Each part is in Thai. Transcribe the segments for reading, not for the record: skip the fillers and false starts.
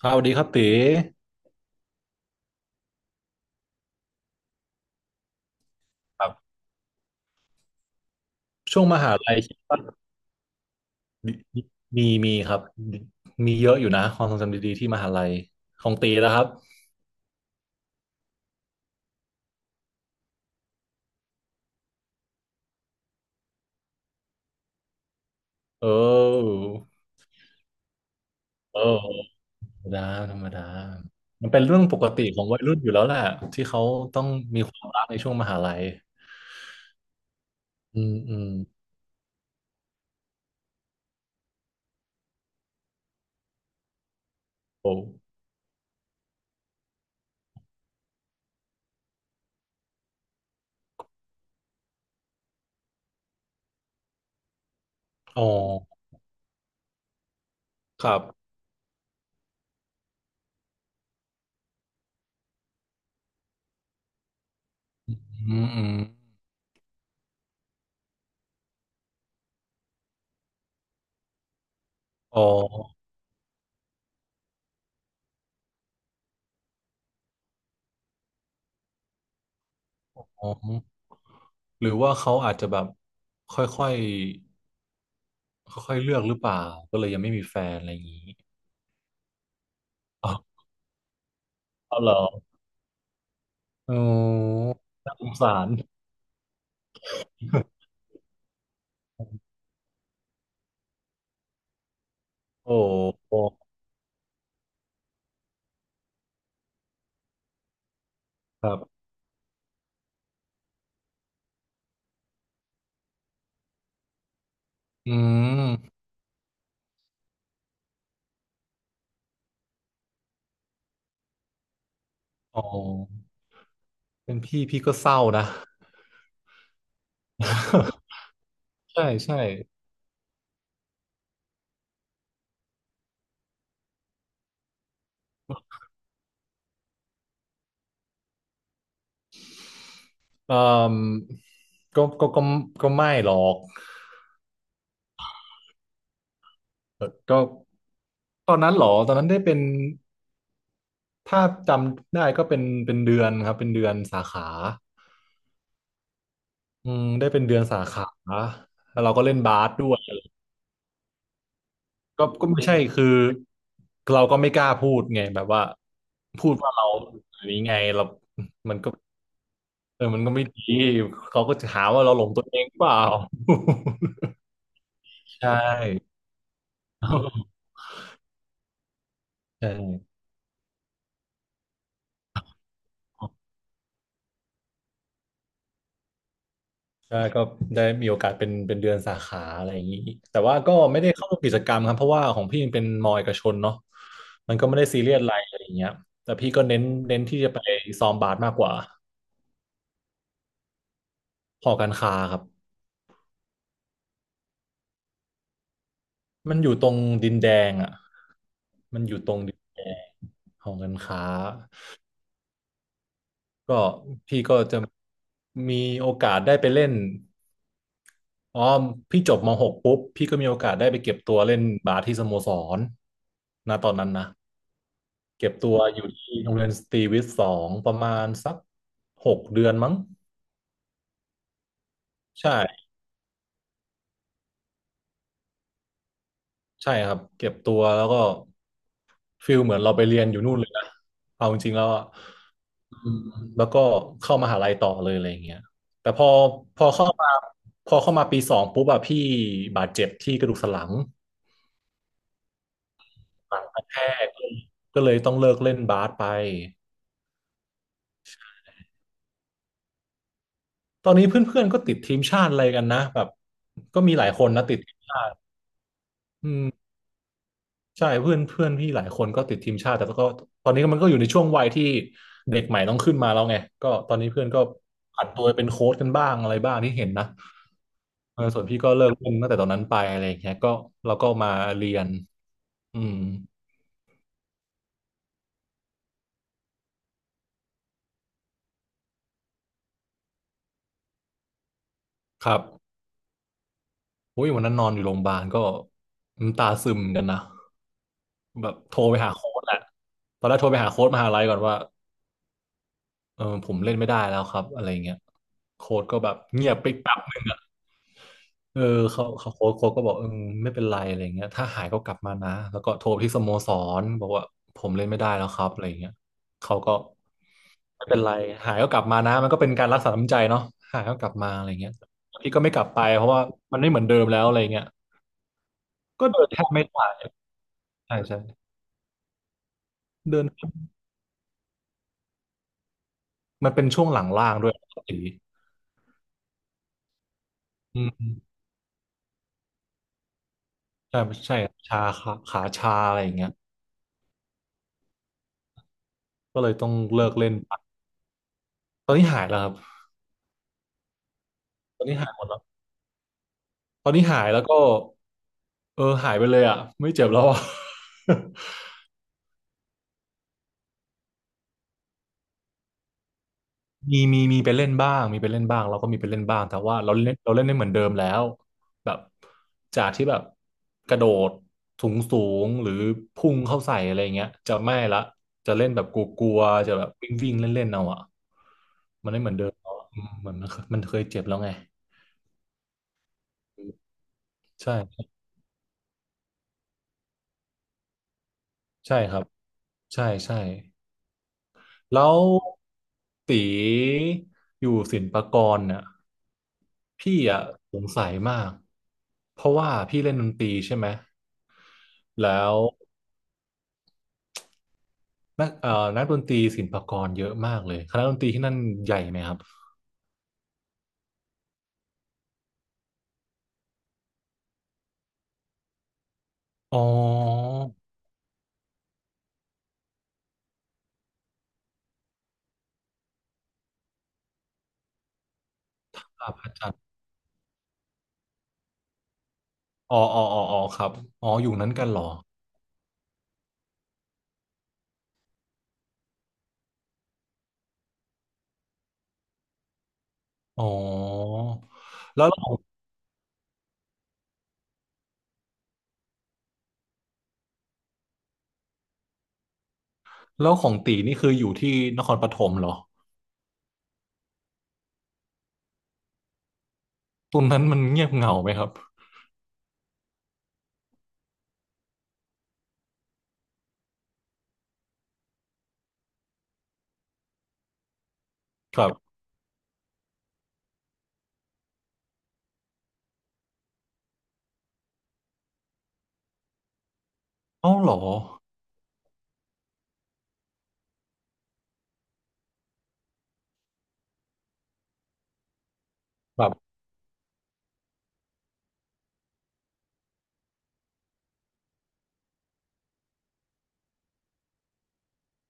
ครับสวัสดีครับตีครับช่วงมหาลัยคิดว่ามีครับมีเยอะอยู่นะความทรงจำดีๆที่มหาลัยของตีนะครับเออเออธรรมดาธรรมดามันเป็นเรื่องปกติของวัยรุ่นอยู่แล้วแหละที่เขาต้องมีความรักในช่วงมหาลัยอืมอืมโอ้อ๋อครับอืมอืมอ๋ออ๋อหรือว่าเขาอาจจะแบบค่อยๆค่อยๆเลือกหรือเปล่าก็เลยยังไม่มีแฟนอะไรอย่างนี้อ๋อเอาเหรอ โอ้น่าสงสาร โอ้โอ้ครับอืมโอ้เป็นพี่ พี่ก็เศร้านะ ใช่ใช่เอ่อก็ก็ไม่หรอกก็ตอนนั้นเหรอ ตอนนั้นได้เป็น ถ้าจำได้ก็เป็นเดือนครับเป็นเดือนสาขาอืมได้เป็นเดือนสาขา แล้วเราก็เล่นบาสด้วย ก็ไม่ใช่คือเราก็ไม่กล้าพูดไงแบบว่าพูดว่าเราอย่างนี้ไงเรามันก็เออมันก็ไม่ดีเขาก็จะหาว่าเราหลงตัวเองเปล่า ใช่ใช่ใช่ก็ได้มีโอกาสเป็นเดือนสาขาอะไรอย่างนี้แต่ว่าก็ไม่ได้เข้ากิจกรรมครับเพราะว่าของพี่มันเป็นมอเอกชนเนาะมันก็ไม่ได้ซีเรียสอะไรอะไรอย่างเงี้ยแต่พี่ก็เน้นเน้นที่จะไปซ้อมบาสมากกว่าหอการค้าครับ มันอยู่ตรงดินแดงอ่ะมันอยู่ตรงดินแดงของการค้าก็พี่ก็จะมีโอกาสได้ไปเล่นอ๋อพี่จบมหกปุ๊บพี่ก็มีโอกาสได้ไปเก็บตัวเล่นบาสที่สโมสรนะตอนนั้นนะเก็บตัวอยู่ที่โรงเรียนสตรีวิทย์สองประมาณสัก6 เดือนมั้งใช่ใช่ครับเก็บตัวแล้วก็ฟิลเหมือนเราไปเรียนอยู่นู่นเลยนะเอาจริงๆแล้วอะ อืมแล้วก็เข้ามหาลัยต่อเลยอะไรอย่างเงี้ยแต่พอพอเข้ามาพอเข้ามาปีสองปุ๊บอะพี่บาดเจ็บที่กระดูกสันหลังหลังกระแทกก็เลยต้องเลิกเล่นบาสไป ตอนนี้เพื่อนๆก็ติดทีมชาติอะไรกันนะแบบก็มีหลายคนนะติดทีมชาติอืมใช่เพื่อนเพื่อนพี่หลายคนก็ติดทีมชาติแต่ก็ตอนนี้มันก็อยู่ในช่วงวัยที่เด็กใหม่ต้องขึ้นมาแล้วไงก็ตอนนี้เพื่อนก็ผันตัวไปเป็นโค้ชกันบ้างอะไรบ้างที่เห็นนะ เออส่วนพี่ก็เลิกเล่นตั้งแต่ตอนนั้นไปอะไรอย่างเงี้ยก็เราก็มาเรียนอืมครับโอ้ยวันนั้นนอนอยู่โรงพยาบาลก็น้ำตาซึมเหมือนกันนะแบบโทรไปหาโค้ชแหละตอนแรกโทรไปหาโค้ชมหาลัยก่อนว่าเออผมเล่นไม่ได้แล้วครับอะไรเงี้ยโค้ชก็แบบเงียบไป เออเขาเขาโค้ชก็บอกเออไม่เป็นไรอะไรเงี้ยถ้าหายก็กลับมานะแล้วก็โทรไปที่สโมสรบอกว่าผมเล่นไม่ได้แล้วครับอะไรเงี้ยเขาก็ไม่เป็นไรหายก็กลับมานะมันก็เป็นการรักษาน้ำใจเนาะหายก็กลับมาอะไรเงี้ยพี่ก็ไม่กลับไปเพราะว่ามันไม่เหมือนเดิมแล้วอะไรเงี้ยก็เดินแทบไม่ได้ใช่ใช่เดินมันเป็นช่วงหลังล่างด้วยครับสีอืมใช่ใช่ชาขาชาอะไรอย่างเงี้ยก็เลยต้องเลิกเล่นไปตอนนี้หายแล้วครับตอนนี้หายหมดแล้ว ตอนนี้หายแล้วก็เออหายไปเลยอ่ะไม่เจ็บแล้วอ่ะ มีไปเล่นบ้างมีไปเล่นบ้างเราก็มีไปเล่นบ้างแต่ว่าเราเล่นได้เหมือนเดิมแล้วแบบจากที่แบบกระโดดสูงสูงหรือพุ่งเข้าใส่อะไรเงี้ยจะไม่ละจะเล่นแบบกลัวๆจะแบบวิ่งวิ่งเล่นเล่นๆเอาอ่ะมันไม่เหมือนเดิมแล้วอะอืมเหมือนมันเคยเจ็บแล้วไงใช่ใช่ครับใช่ใช่ แล้วตีอยู่ศิลปากรเนี่ยพี่อะสงสัยมากเพราะว่าพี่เล่นดนตรีใช่ไหมแล้วนักนักดนตรีศิลปากรเยอะมากเลยคณะดนตรีที่นั่นใหญ่ไหมครับอ๋อครับอาจารย์อ๋ออ๋ออ๋ออ๋อครับอ๋ออยู่นั้นกันเหรออ๋อแล้วของแล้วของตีนี่คืออยู่ที่นครปฐมเหรอตรงนั้นมันเงียบเหงาไหมครับครับเอ้าเหรอแบบ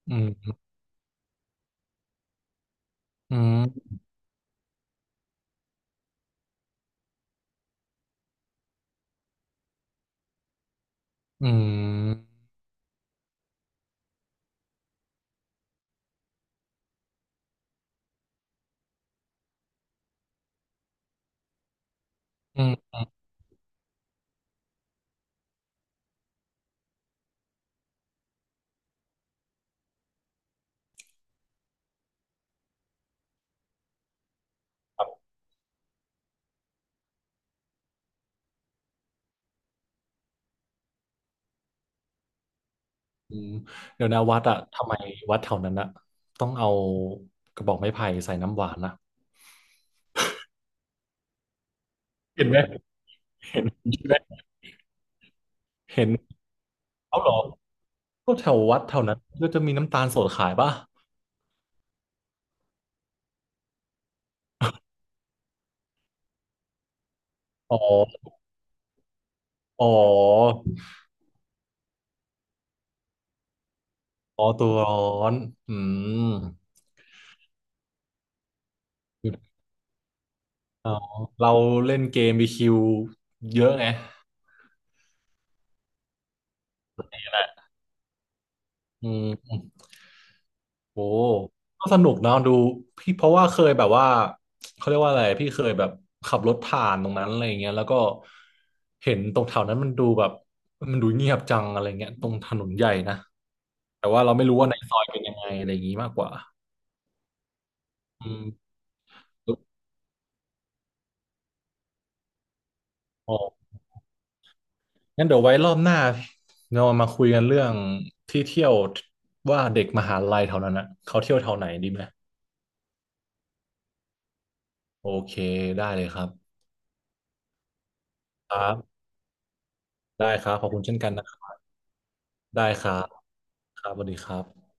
อืมอืม อืมอืมอืมเดี๋ยวนะวัดอะทำไมวัดแถวนั้นอะต้องเอากระบอกไม้ไผ่ใส่น้ำหวานนะเห็นไหมเห็นเห็นไหมเห็นเอาเหรอก็แถววัดแถวนั้นก็จะมีน้ำตาลสดขายป่ะอ๋ออ๋ออ๋อตัวร้อนอืมอ๋อเราเล่นเกมบีคิวเยอะไงอืม โอ้ก็สนุกเนอะดูพี่เพราะว่าเคยแบบว่าเขาเรียกว่าอะไรพี่เคยแบบขับรถผ่านตรงนั้นอะไรอย่างเงี้ยแล้วก็เห็นตรงแถวนั้นมันดูแบบมันดูเงียบจังอะไรเงี้ยตรงถนนใหญ่นะแต่ว่าเราไม่รู้ว่าในซอยเป็นยังไงอะไรอย่างงี้มากกว่าอืมอ๋องั้นเดี๋ยวไว้รอบหน้าเรามาคุยกันเรื่องที่เที่ยวว่าเด็กมหาลัยแถวนั้นนะเขาเที่ยวแถวไหนดีไหมโอเคได้เลยครับครับได้ครับขอบคุณเช่นกันนะครับได้ครับครับสวัสดีครับ